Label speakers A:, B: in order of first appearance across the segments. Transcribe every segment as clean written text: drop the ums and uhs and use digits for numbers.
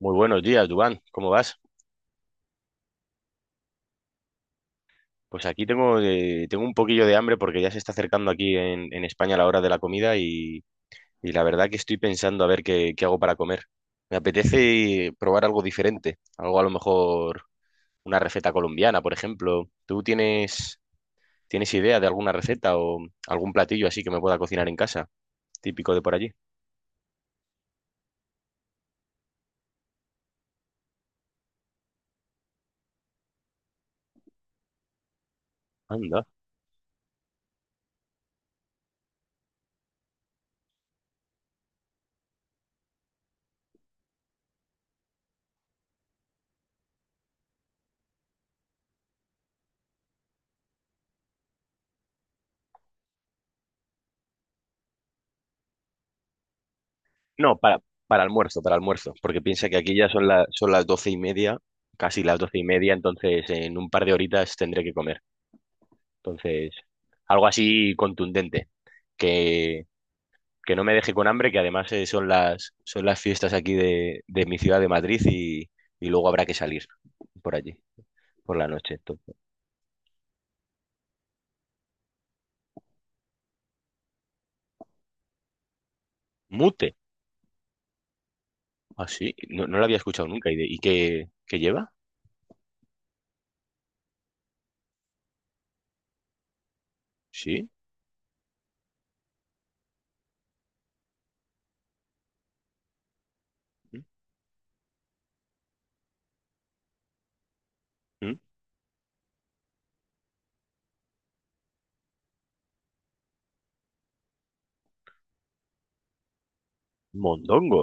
A: Muy buenos días, Dubán. ¿Cómo vas? Pues aquí tengo un poquillo de hambre porque ya se está acercando aquí en España la hora de la comida y la verdad que estoy pensando a ver qué hago para comer. Me apetece probar algo diferente, algo a lo mejor una receta colombiana, por ejemplo. ¿Tú tienes idea de alguna receta o algún platillo así que me pueda cocinar en casa, típico de por allí? Anda. No, para almuerzo, porque piensa que aquí ya son, son las 12:30, casi las 12:30, entonces en un par de horitas tendré que comer. Entonces, algo así contundente, que, que no me deje con hambre, que además son las fiestas aquí de mi ciudad de Madrid y luego habrá que salir por allí, por la noche. Entonces, mute, así, no, no lo había escuchado nunca. ¿Y, y qué lleva? Sí. ¿Mm? ¿Mm? Mondongo,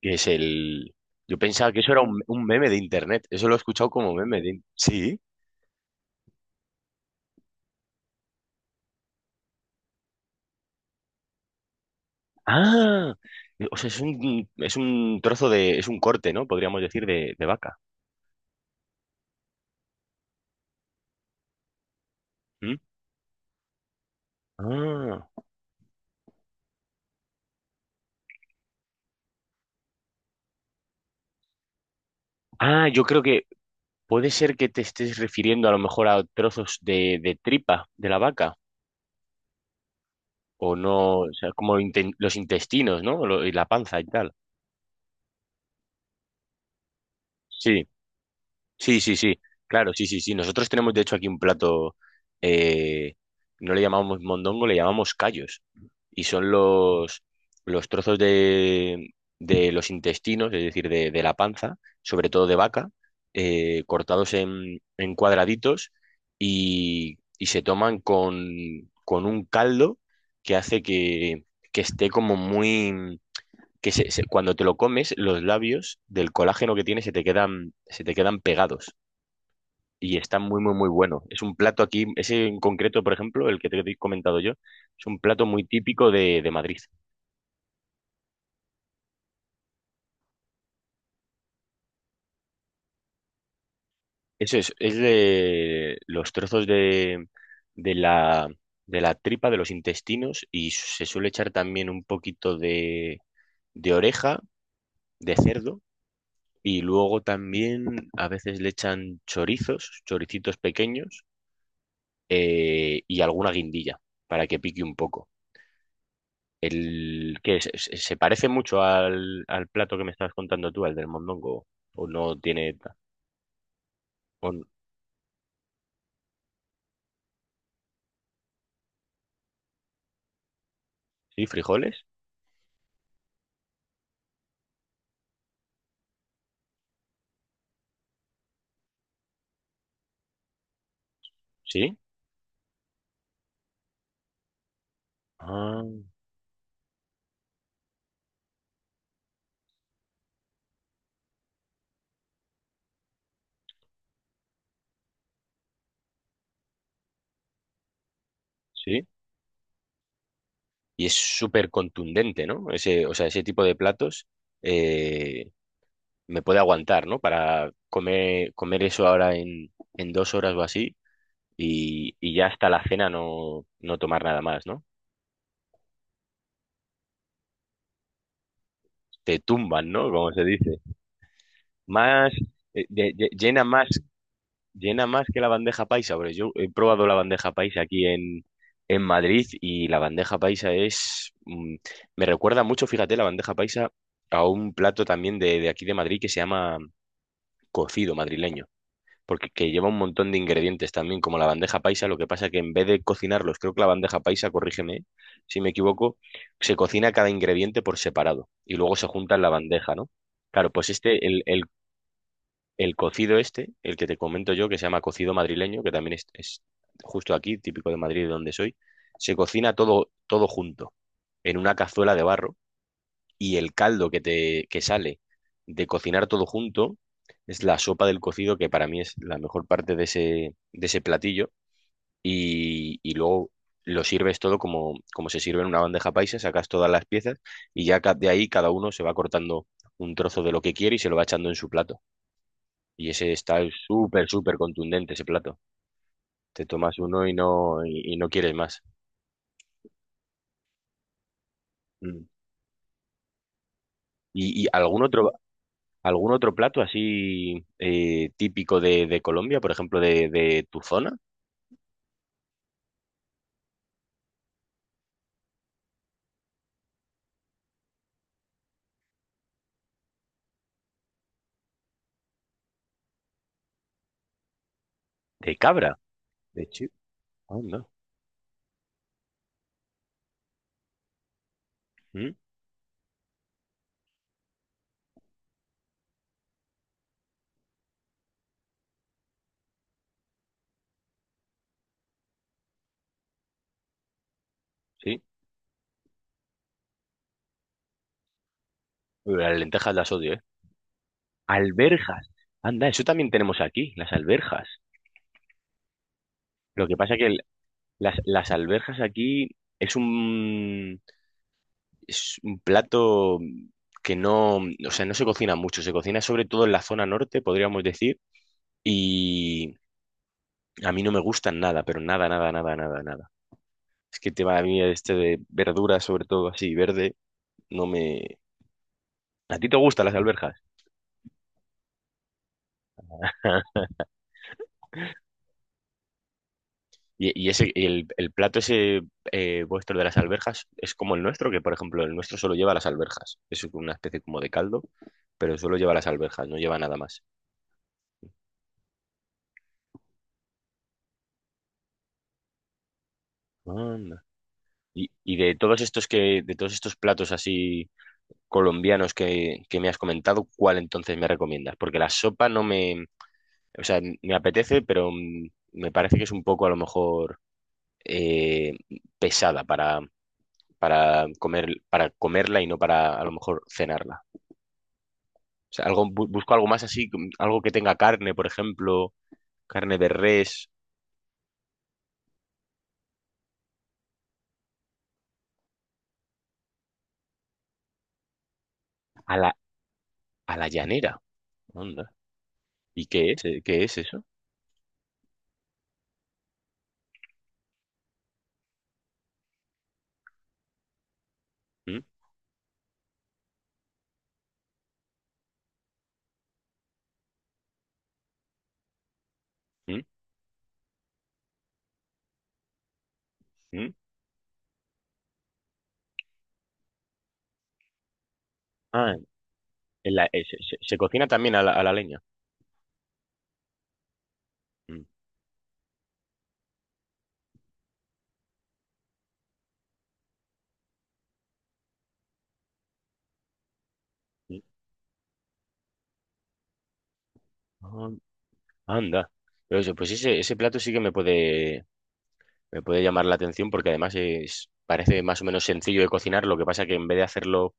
A: que es el... Yo pensaba que eso era un meme de internet. Eso lo he escuchado como meme de... Sí. Ah, o sea, es un trozo de... Es un corte, ¿no? Podríamos decir de vaca. ¿Mm? Ah. Ah, yo creo que puede ser que te estés refiriendo a lo mejor a trozos de tripa de la vaca. O no, o sea, como los intestinos, ¿no? Y la panza y tal. Sí, sí, sí, sí. Claro, sí, sí, sí. Nosotros tenemos de hecho aquí un plato, eh, no le llamamos mondongo, le llamamos callos. Y son los trozos de los intestinos, es decir, de la panza, sobre todo de vaca, cortados en cuadraditos y se toman con un caldo que hace que esté como muy... cuando te lo comes, los labios del colágeno que tiene se te quedan pegados. Y está muy, muy, muy bueno. Es un plato aquí, ese en concreto, por ejemplo, el que te he comentado yo, es un plato muy típico de Madrid. Eso es de los trozos de la, de la tripa, de los intestinos, y se suele echar también un poquito de oreja de cerdo, y luego también a veces le echan chorizos, choricitos pequeños, y alguna guindilla para que pique un poco. El, ¿qué es? ¿Se parece mucho al plato que me estabas contando tú, al del mondongo? ¿O no tiene... o n- ¿Sí? ¿Frijoles? ¿Sí? Ah, sí. Y es súper contundente, ¿no? Ese, o sea, ese tipo de platos eh, me puede aguantar, ¿no? Para comer eso ahora en 2 horas o así y ya hasta la cena no tomar nada más, ¿no? Te tumban, ¿no? Como se dice. Más, Llena más que la bandeja paisa, porque yo he probado la bandeja paisa aquí en... En Madrid y la bandeja paisa es... me recuerda mucho, fíjate, la bandeja paisa a un plato también de aquí de Madrid que se llama cocido madrileño, porque que lleva un montón de ingredientes también, como la bandeja paisa, lo que pasa que en vez de cocinarlos, creo que la bandeja paisa, corrígeme si me equivoco, se cocina cada ingrediente por separado y luego se junta en la bandeja, ¿no? Claro, pues este, el cocido este, el que te comento yo, que se llama cocido madrileño, que también es justo aquí, típico de Madrid, de donde soy, se cocina todo, todo junto en una cazuela de barro y el caldo que sale de cocinar todo junto es la sopa del cocido que para mí es la mejor parte de ese platillo y luego lo sirves todo como se sirve en una bandeja paisa, sacas todas las piezas y ya de ahí cada uno se va cortando un trozo de lo que quiere y se lo va echando en su plato. Y ese está súper, súper contundente ese plato. Te tomas uno y no, y no quieres más. Mm. ¿Y algún otro? ¿Algún otro plato así típico de Colombia, por ejemplo, de tu zona? De cabra, de chip. Anda. ¿Mm? Sí. Uy, las lentejas las odio, ¿eh? Alberjas. Anda, eso también tenemos aquí, las alberjas. Lo que pasa que las alberjas aquí es un, es un plato que no, o sea, no se cocina mucho, se cocina sobre todo en la zona norte, podríamos decir, y a mí no me gustan nada, pero nada, nada, nada, nada, nada. Es que el tema mí este de verduras, sobre todo así, verde, no me... ¿A ti te gustan las alberjas? Y ese, y el plato ese vuestro de las alberjas es como el nuestro, que por ejemplo el nuestro solo lleva las alberjas. Es una especie como de caldo, pero solo lleva las alberjas, no lleva nada más. Anda. Y de todos estos platos así colombianos que me has comentado, ¿cuál entonces me recomiendas? Porque la sopa no me, o sea, me apetece, pero me parece que es un poco a lo mejor, eh, pesada para comer, para comerla y no para a lo mejor cenarla. O sea, algo, busco algo más así, algo que tenga carne, por ejemplo, carne de res a a la llanera. Onda. ¿Y qué es? ¿Qué es eso? ¿Mm? ¿Mm? ¿Mm? Ah, se cocina también a a la leña. Mm, mm. Ah, anda. Pero eso, pues ese plato sí que me puede llamar la atención porque además parece más o menos sencillo de cocinar, lo que pasa que en vez de hacerlo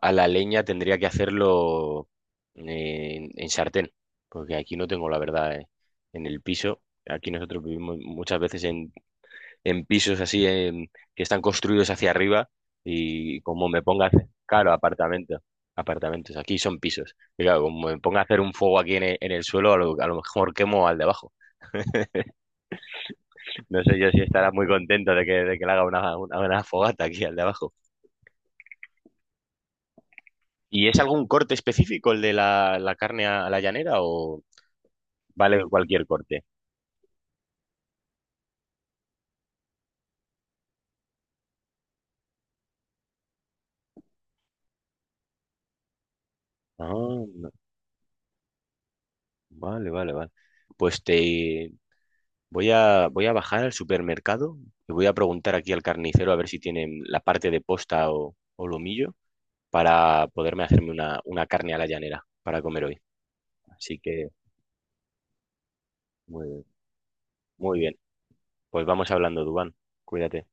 A: a la leña tendría que hacerlo en sartén, porque aquí no tengo la verdad en el piso. Aquí nosotros vivimos muchas veces en pisos así que están construidos hacia arriba y como me ponga a hacer, claro, apartamentos, apartamentos, aquí son pisos. Y claro, como me ponga a hacer un fuego aquí en el suelo, a a lo mejor quemo al de abajo. No sé yo si estará muy contento de que le haga una fogata aquí al de abajo. ¿Y es algún corte específico el de la carne a la llanera o...? Vale cualquier corte. Ah, no. Vale, vale, vale. Pues te voy a bajar al supermercado y voy a preguntar aquí al carnicero a ver si tienen la parte de posta o lomillo para poderme hacerme una carne a la llanera para comer hoy. Así que muy, bien, muy bien. Pues vamos hablando, Dubán. Cuídate.